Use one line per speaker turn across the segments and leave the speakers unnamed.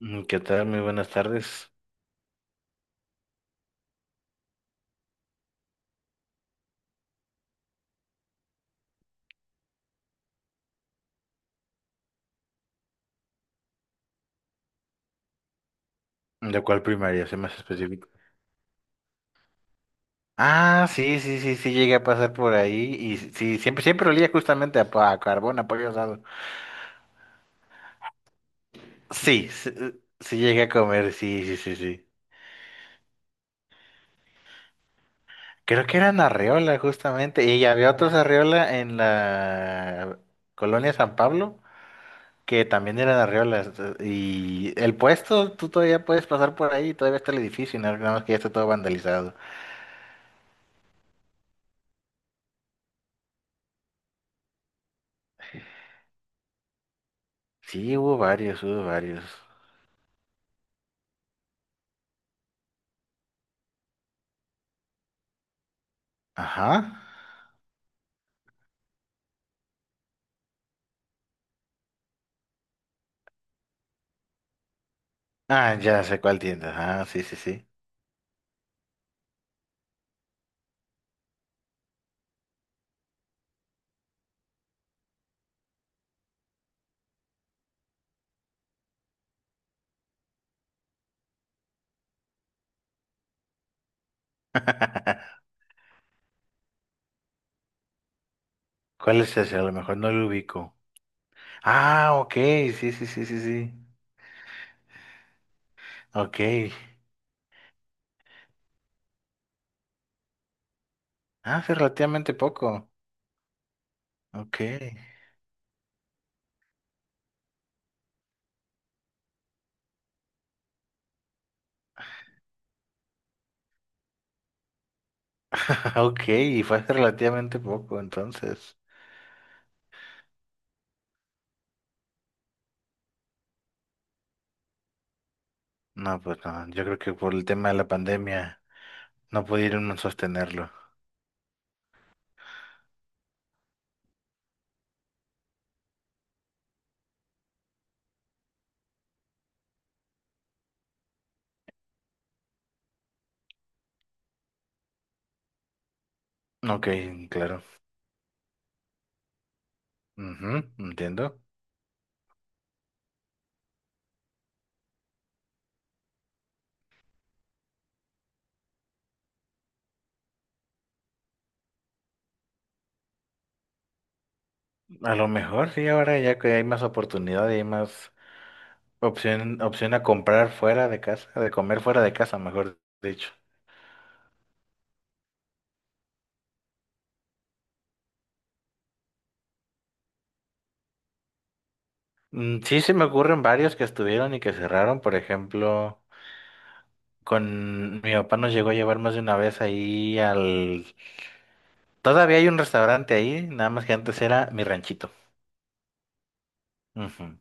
¿Qué tal? Muy buenas tardes. ¿De cuál primaria? Sé más específico. Ah, sí, sí, sí, sí, llegué a pasar por ahí y sí, siempre, siempre olía justamente a, a carbón, a pollo asado. Sí, sí, sí llegué a comer, sí, sí, sí, sí. Creo que eran arreola justamente y había otros arreola en la colonia San Pablo que también eran arreolas y el puesto, tú todavía puedes pasar por ahí, todavía está el edificio, nada más que ya está todo vandalizado. Sí, hubo varios, hubo varios. Ajá. Ah, ya sé cuál tienda. Ah, sí, sí, sí. ¿Cuál es ese? A lo mejor no lo ubico. Ah, ok, sí, sí, sí, sí, sí. Ok. Ah, hace relativamente poco. Ok. Ok, y fue hace relativamente poco, entonces. No, pues no, yo creo que por el tema de la pandemia no pudieron no sostenerlo. Ok, claro. Ujú, entiendo. A lo mejor sí, ahora ya que hay más oportunidad y hay más opción, opción a comprar fuera de casa, de comer fuera de casa, mejor dicho. Sí, se me ocurren varios que estuvieron y que cerraron. Por ejemplo, con mi papá nos llegó a llevar más de una vez ahí al... Todavía hay un restaurante ahí, nada más que antes era Mi Ranchito. Ujú.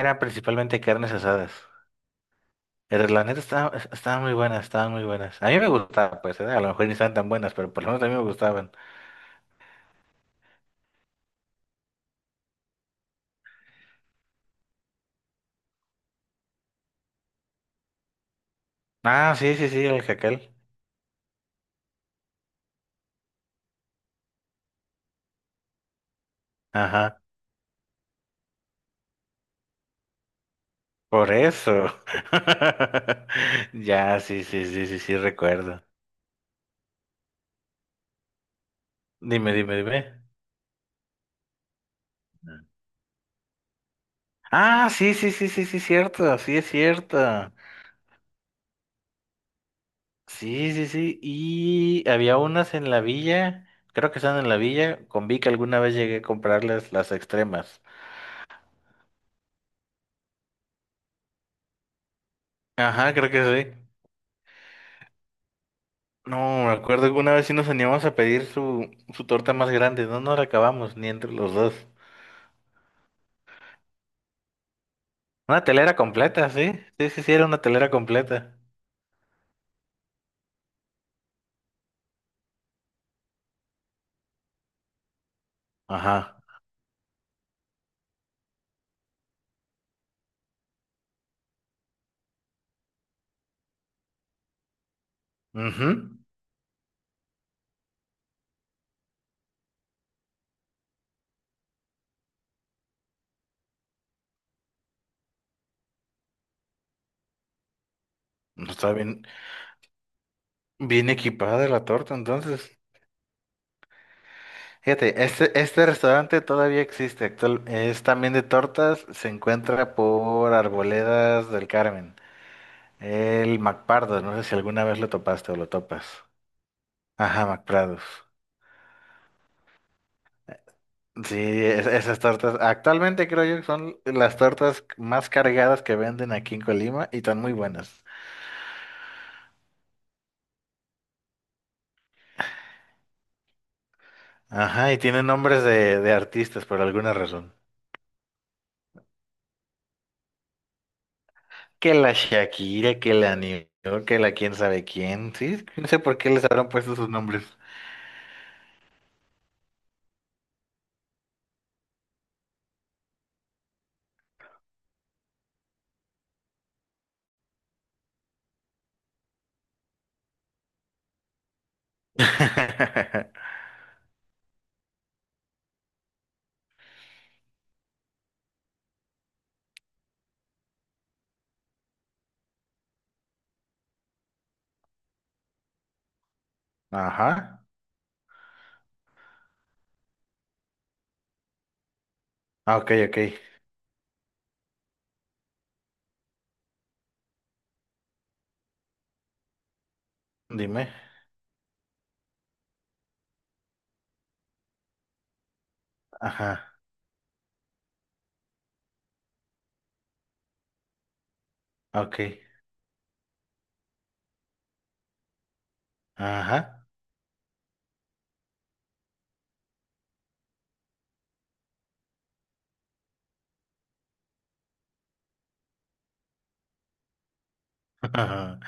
Era principalmente carnes asadas. Pero la neta estaban muy buenas, estaban muy buenas. A mí me gustaba, pues, ¿eh? A lo mejor ni estaban tan buenas, pero por lo menos a mí me gustaban. Ah, sí, sí, sí, el jacal. Ajá, por eso. Ya, sí, sí, sí, sí, sí, recuerdo. Dime, dime, dime. Ah, sí, sí, sí, sí, sí, cierto, sí es cierto. Sí, sí, sí. Y había unas en la villa, creo que están en la villa, con Vic alguna vez llegué a comprarles las extremas. Ajá, creo que sí. No, me acuerdo que una vez sí nos animamos a pedir su, su torta más grande, no nos la acabamos ni entre los dos. Una telera completa, sí, sí, sí, sí, era una telera completa. Ajá. Mhm. Está bien, bien equipada la torta entonces. Fíjate, este restaurante todavía existe, actual, es también de tortas, se encuentra por Arboledas del Carmen, el MacPardo, no sé si alguna vez lo topaste o lo topas. Ajá, MacPrados. Sí, esas tortas, actualmente creo yo que son las tortas más cargadas que venden aquí en Colima y están muy buenas. Ajá, y tienen nombres de artistas por alguna razón. Que la Shakira, que la New York, que la quién sabe quién, sí, no sé por qué les habrán puesto sus nombres. Ajá. Ah, ok, ok. Dime. Ajá. Ok. Ajá.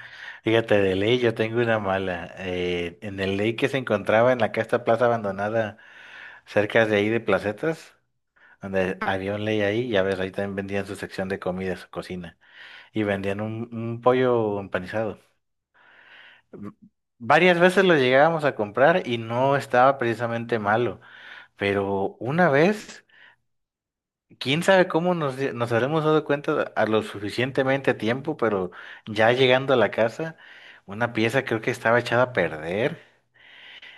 Fíjate, de ley yo tengo una mala. En el ley que se encontraba en la que esta plaza abandonada cerca de ahí de Placetas, donde había un ley ahí, ya ves, ahí también vendían su sección de comida, su cocina, y vendían un pollo empanizado. M- Varias veces lo llegábamos a comprar y no estaba precisamente malo, pero una vez... Quién sabe cómo nos, nos habremos dado cuenta a lo suficientemente a tiempo, pero ya llegando a la casa, una pieza creo que estaba echada a perder.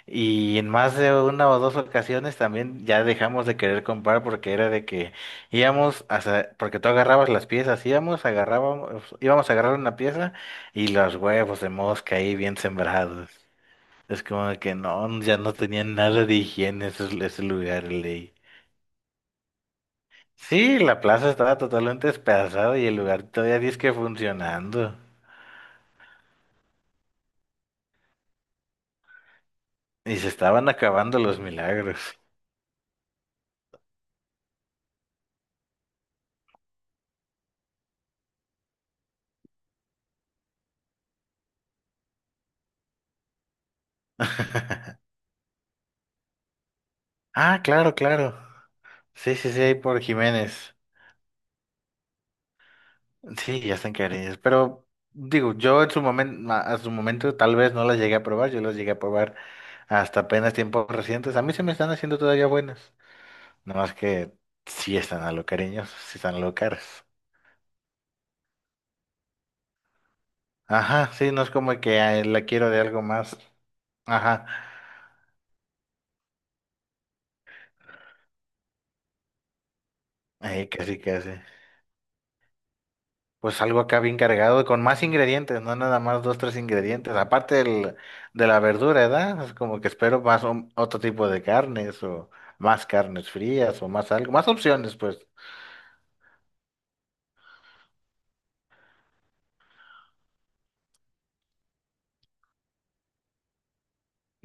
Y en más de una o dos ocasiones también ya dejamos de querer comprar porque era de que íbamos hasta, porque tú agarrabas las piezas, íbamos, agarrábamos, íbamos a agarrar una pieza y los huevos de mosca ahí bien sembrados. Es como que no, ya no tenían nada de higiene ese, ese lugar, ley. Sí, la plaza estaba totalmente despedazada y el lugar todavía disque funcionando. Y se estaban acabando los milagros. Ah, claro, claro. Sí, sí, sí, ahí por Jiménez. Sí, ya están cariños. Pero digo, yo en su momento, a su momento tal vez no las llegué a probar, yo las llegué a probar hasta apenas tiempos recientes. A mí se me están haciendo todavía buenas. Nada más que sí están a lo cariños, sí están a lo caras. Ajá, sí, no es como que ay, la quiero de algo más. Ajá, ahí casi casi. Pues algo acá bien cargado, con más ingredientes, no nada más dos, tres ingredientes. Aparte del, de la verdura, ¿verdad? Es como que espero más otro tipo de carnes o más carnes frías o más algo, más opciones, pues.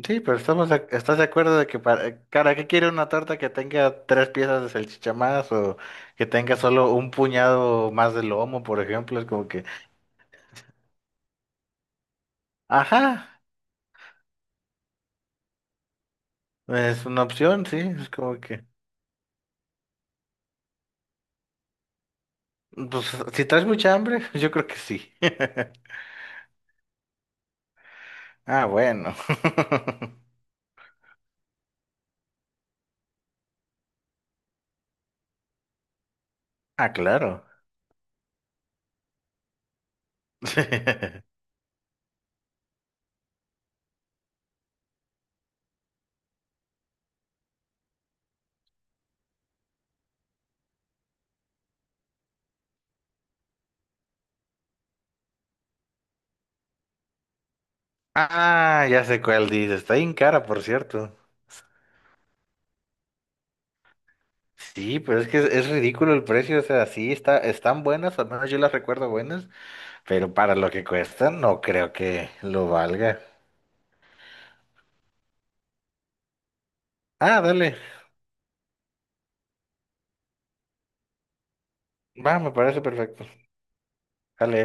Sí, pero estamos, de- ¿estás de acuerdo de que para, cara, ¿qué quiere una torta que tenga tres piezas de salchicha más o que tenga solo un puñado más de lomo, por ejemplo? Es como que, ajá, es una opción, sí, es como que, pues si traes mucha hambre, yo creo que sí. Ah, bueno. Ah, claro. Ah, ya sé cuál dice. Está bien cara, por cierto. Sí, pero es que es ridículo el precio. O sea, sí, está, están buenas, al menos yo las recuerdo buenas, pero para lo que cuestan, no creo que lo valga. Ah, dale. Va, me parece perfecto. Dale.